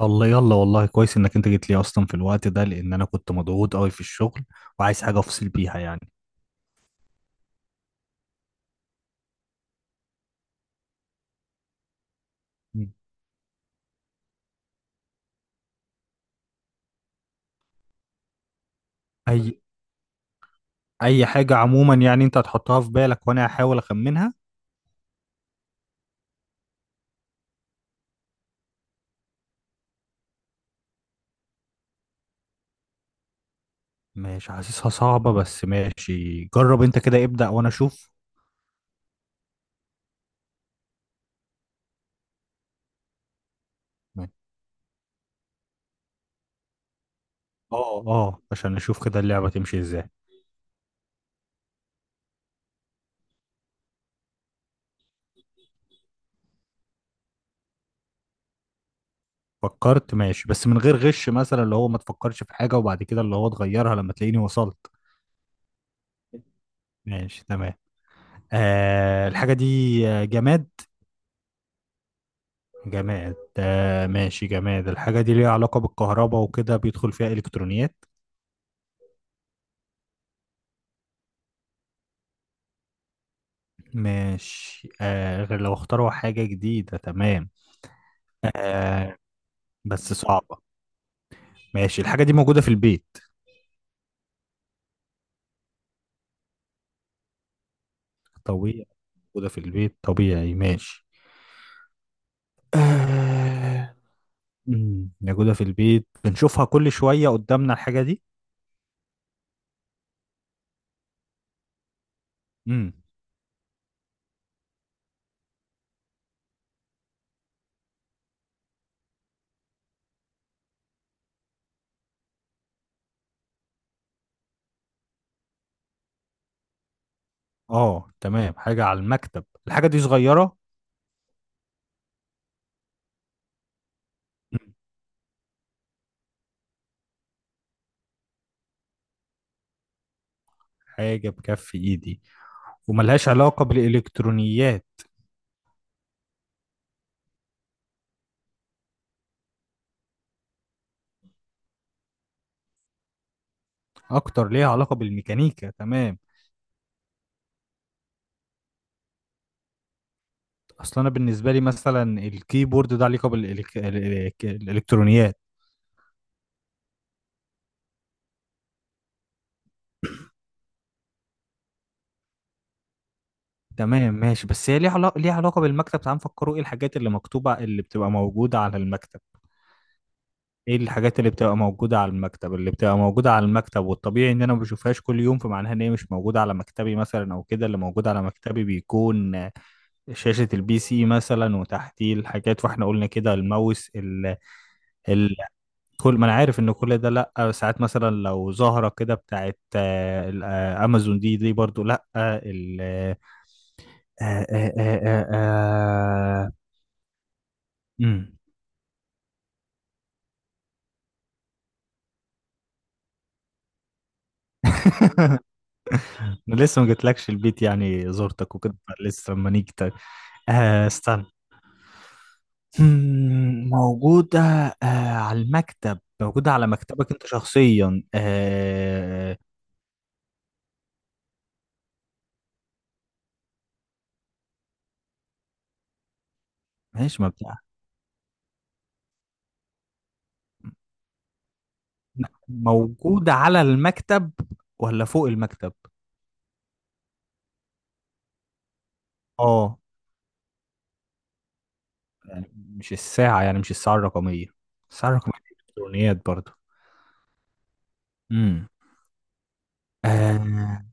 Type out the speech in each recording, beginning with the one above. الله يلا، والله كويس انك انت جيت لي اصلا في الوقت ده، لان انا كنت مضغوط قوي في الشغل وعايز حاجه افصل بيها يعني. مم. اي اي حاجه عموما، يعني انت هتحطها في بالك وانا هحاول اخمنها. ماشي، حاسسها صعبه بس ماشي، جرب انت كده ابدأ وانا اشوف. ماشي. اه اه، عشان اشوف كده اللعبه تمشي ازاي. فكرت ماشي، بس من غير غش، مثلا اللي هو ما تفكرش في حاجه وبعد كده اللي هو تغيرها لما تلاقيني وصلت. ماشي تمام. آه الحاجه دي. آه، جماد. جماد آه ماشي جماد، الحاجة دي ليها علاقة بالكهرباء وكده بيدخل فيها إلكترونيات. ماشي آه، غير لو اختاروا حاجة جديدة تمام. آه بس صعبة. ماشي، الحاجة دي موجودة في البيت طبيعي، موجودة في البيت طبيعي ماشي. آه، مم، موجودة في البيت بنشوفها كل شوية قدامنا الحاجة دي. امم. اه تمام، حاجة على المكتب الحاجة دي صغيرة. حاجة بكف ايدي وملهاش علاقة بالإلكترونيات. اكتر ليها علاقه بالميكانيكا تمام. اصل انا بالنسبه لي مثلا الكيبورد ده علاقه بالالكترونيات. تمام ماشي، بس هي ليها علاقه بالمكتب. تعال نفكروا، ايه الحاجات اللي مكتوبه اللي بتبقى موجوده على المكتب؟ ايه الحاجات اللي بتبقى موجوده على المكتب، والطبيعي ان انا ما بشوفهاش كل يوم، فمعناها ان هي مش موجوده على مكتبي مثلا، او كده اللي موجود على مكتبي بيكون شاشه البي سي مثلا وتحتيه الحاجات، واحنا قلنا كده الماوس، كل ما انا عارف ان كل ده لا. ساعات مثلا لو زهره كده بتاعت امازون دي برضو لا. آه، ال آه، آه، آه، آه، آه، آه، مم. انا لسه ما جيتلكش البيت يعني، زرتك وكده. لسه لما نيجي ت-. استنى. مم، موجوده على المكتب، موجوده على مكتبك انت شخصيا؟ آه. ماشي، ما بتاع موجوده على المكتب ولا فوق المكتب؟ اه، يعني مش الساعة، يعني مش الساعة الرقمية. الساعة الرقمية دي إلكترونيات برضو. امم. آه.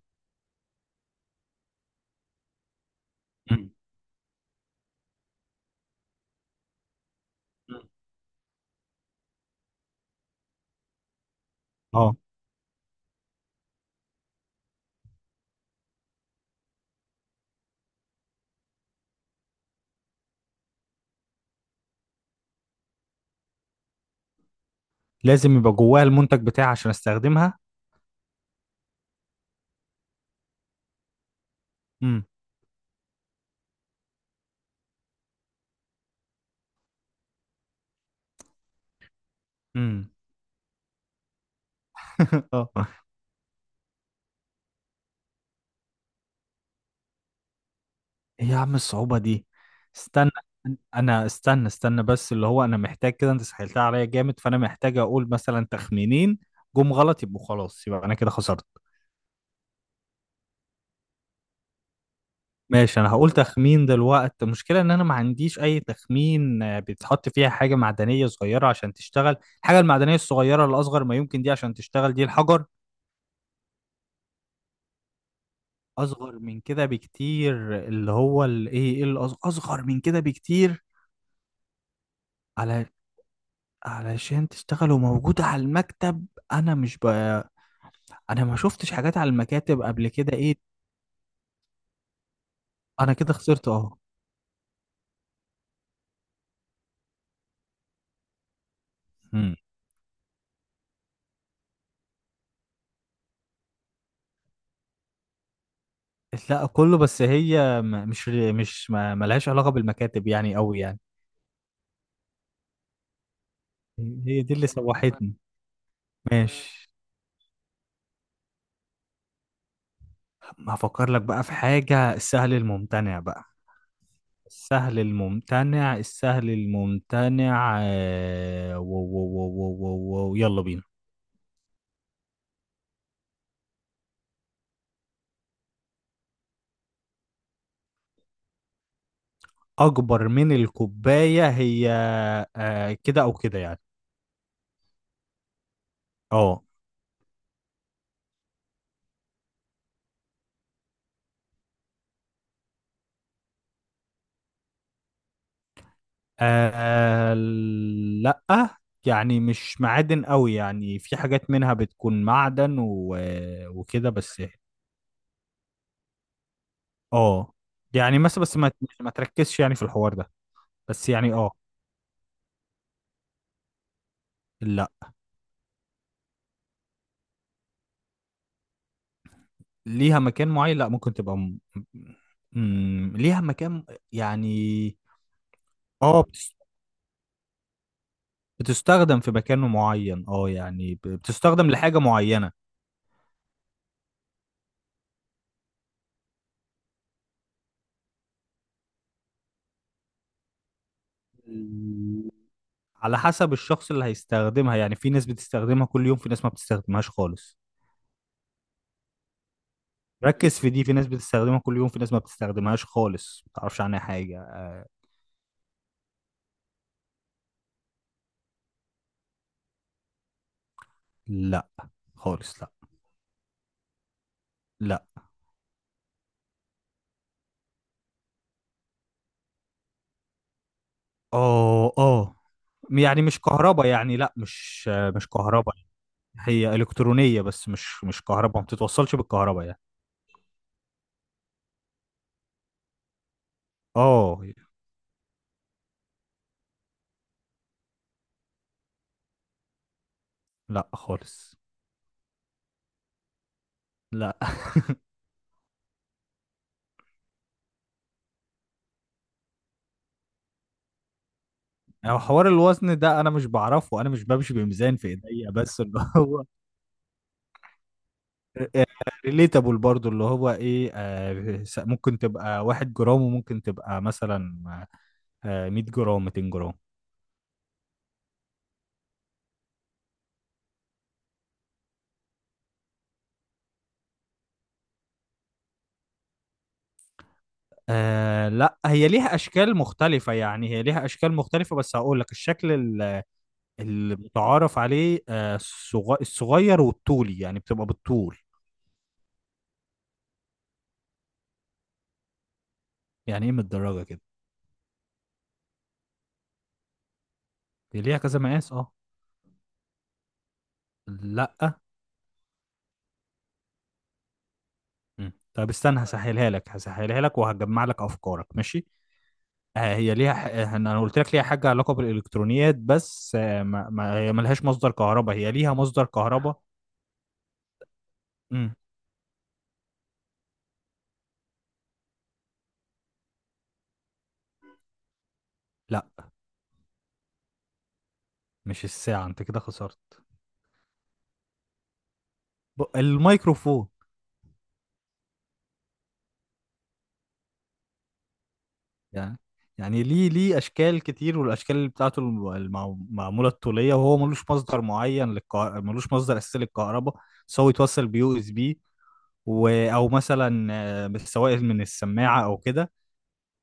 مم. مم. اه لازم يبقى جواها المنتج بتاعي عشان استخدمها. امم. امم اه. ايه يا عم الصعوبة دي؟ استنى، انا استنى بس، اللي هو انا محتاج كده، انت سهلتها عليا جامد، فانا محتاج اقول مثلا تخمينين جم غلط يبقوا خلاص، يبقى انا كده خسرت. ماشي انا هقول تخمين دلوقتي. المشكله ان انا ما عنديش اي تخمين. بيتحط فيها حاجه معدنيه صغيره عشان تشتغل. الحاجه المعدنيه الصغيره الاصغر ما يمكن دي عشان تشتغل دي الحجر. اصغر من كده بكتير، اللي هو الايه، اصغر من كده بكتير؟ على علشان تشتغل وموجوده على المكتب، انا مش ب... انا ما شفتش حاجات على المكاتب قبل كده، ايه؟ انا كده خسرت، اه. مم. لا كله، بس هي م- مش مش ما- ملهاش علاقه بالمكاتب يعني قوي يعني. هي دي اللي سوحتني. ماشي. طب ما هفكر لك بقى في حاجة، السهل الممتنع بقى. السهل الممتنع، السهل الممتنع، و يلا بينا. أكبر من الكوباية هي كده أو كده يعني. اه. آه، لأ، يعني مش معادن قوي يعني، في حاجات منها بتكون معدن و- وكده بس يعني. اه يعني مثلا، بس ما تركزش يعني في الحوار ده. بس يعني اه. لا، ليها مكان معين، لا، ممكن تبقى م... م... ليها مكان يعني. اه بتستخدم في مكان معين، اه يعني بتستخدم لحاجة معينة. على حسب الشخص اللي هيستخدمها يعني، في ناس بتستخدمها كل يوم، في ناس ما بتستخدمهاش خالص. ركز في دي، في ناس بتستخدمها كل يوم، في ناس ما بتستخدمهاش خالص، ما تعرفش عنها حاجة. لا خالص لا. لا. اه اه. يعني مش كهربا يعني، لا مش. مش كهربا. هي الكترونيه بس مش كهرباء، ما بتتوصلش بالكهرباء يعني. اه. لا خالص لا. هو حوار الوزن ده انا مش بعرفه، انا مش بمشي بميزان في ايديا، بس اللي هو ريليتابل برضو، اللي هو ايه، ممكن تبقى واحد جرام، وممكن تبقى مثلا 100 جرام، 200 جرام. آه لا هي ليها اشكال مختلفة، يعني هي ليها اشكال مختلفة، بس هقول لك الشكل المتعارف عليه، الصغير والطولي، يعني بتبقى بالطول. يعني ايه متدرجه كده؟ دي ليها كذا مقاس، اه. لا. مم. طب استنى، هسهلها لك وهجمع لك افكارك ماشي. آه، هي ليها ح... آه، انا قلت لك ليها حاجه علاقه بالالكترونيات، بس آه، ما... ما... هي ملهاش مصدر كهرباء، هي ليها مصدر كهرباء. امم. لا مش الساعه، انت كده خسرت. الميكروفون. يعني يعني ليه اشكال كتير، والاشكال اللي بتاعته معموله الطوليه، وهو ملوش مصدر معين للكهرباء، ملوش مصدر اساسي للكهرباء، بس هو يتوصل بيو اس بي او مثلا بالسوائل من السماعه او كده.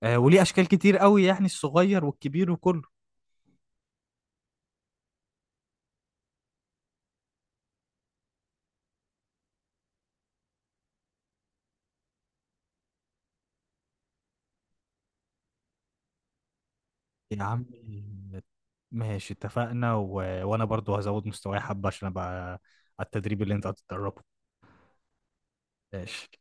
وليه اشكال كتير قوي يعني، الصغير والكبير وكله. يا عم. ماشي اتفقنا وانا برضو هزود مستواي حبه عشان ابقى على التدريب اللي انت هتتدربه. ماشي.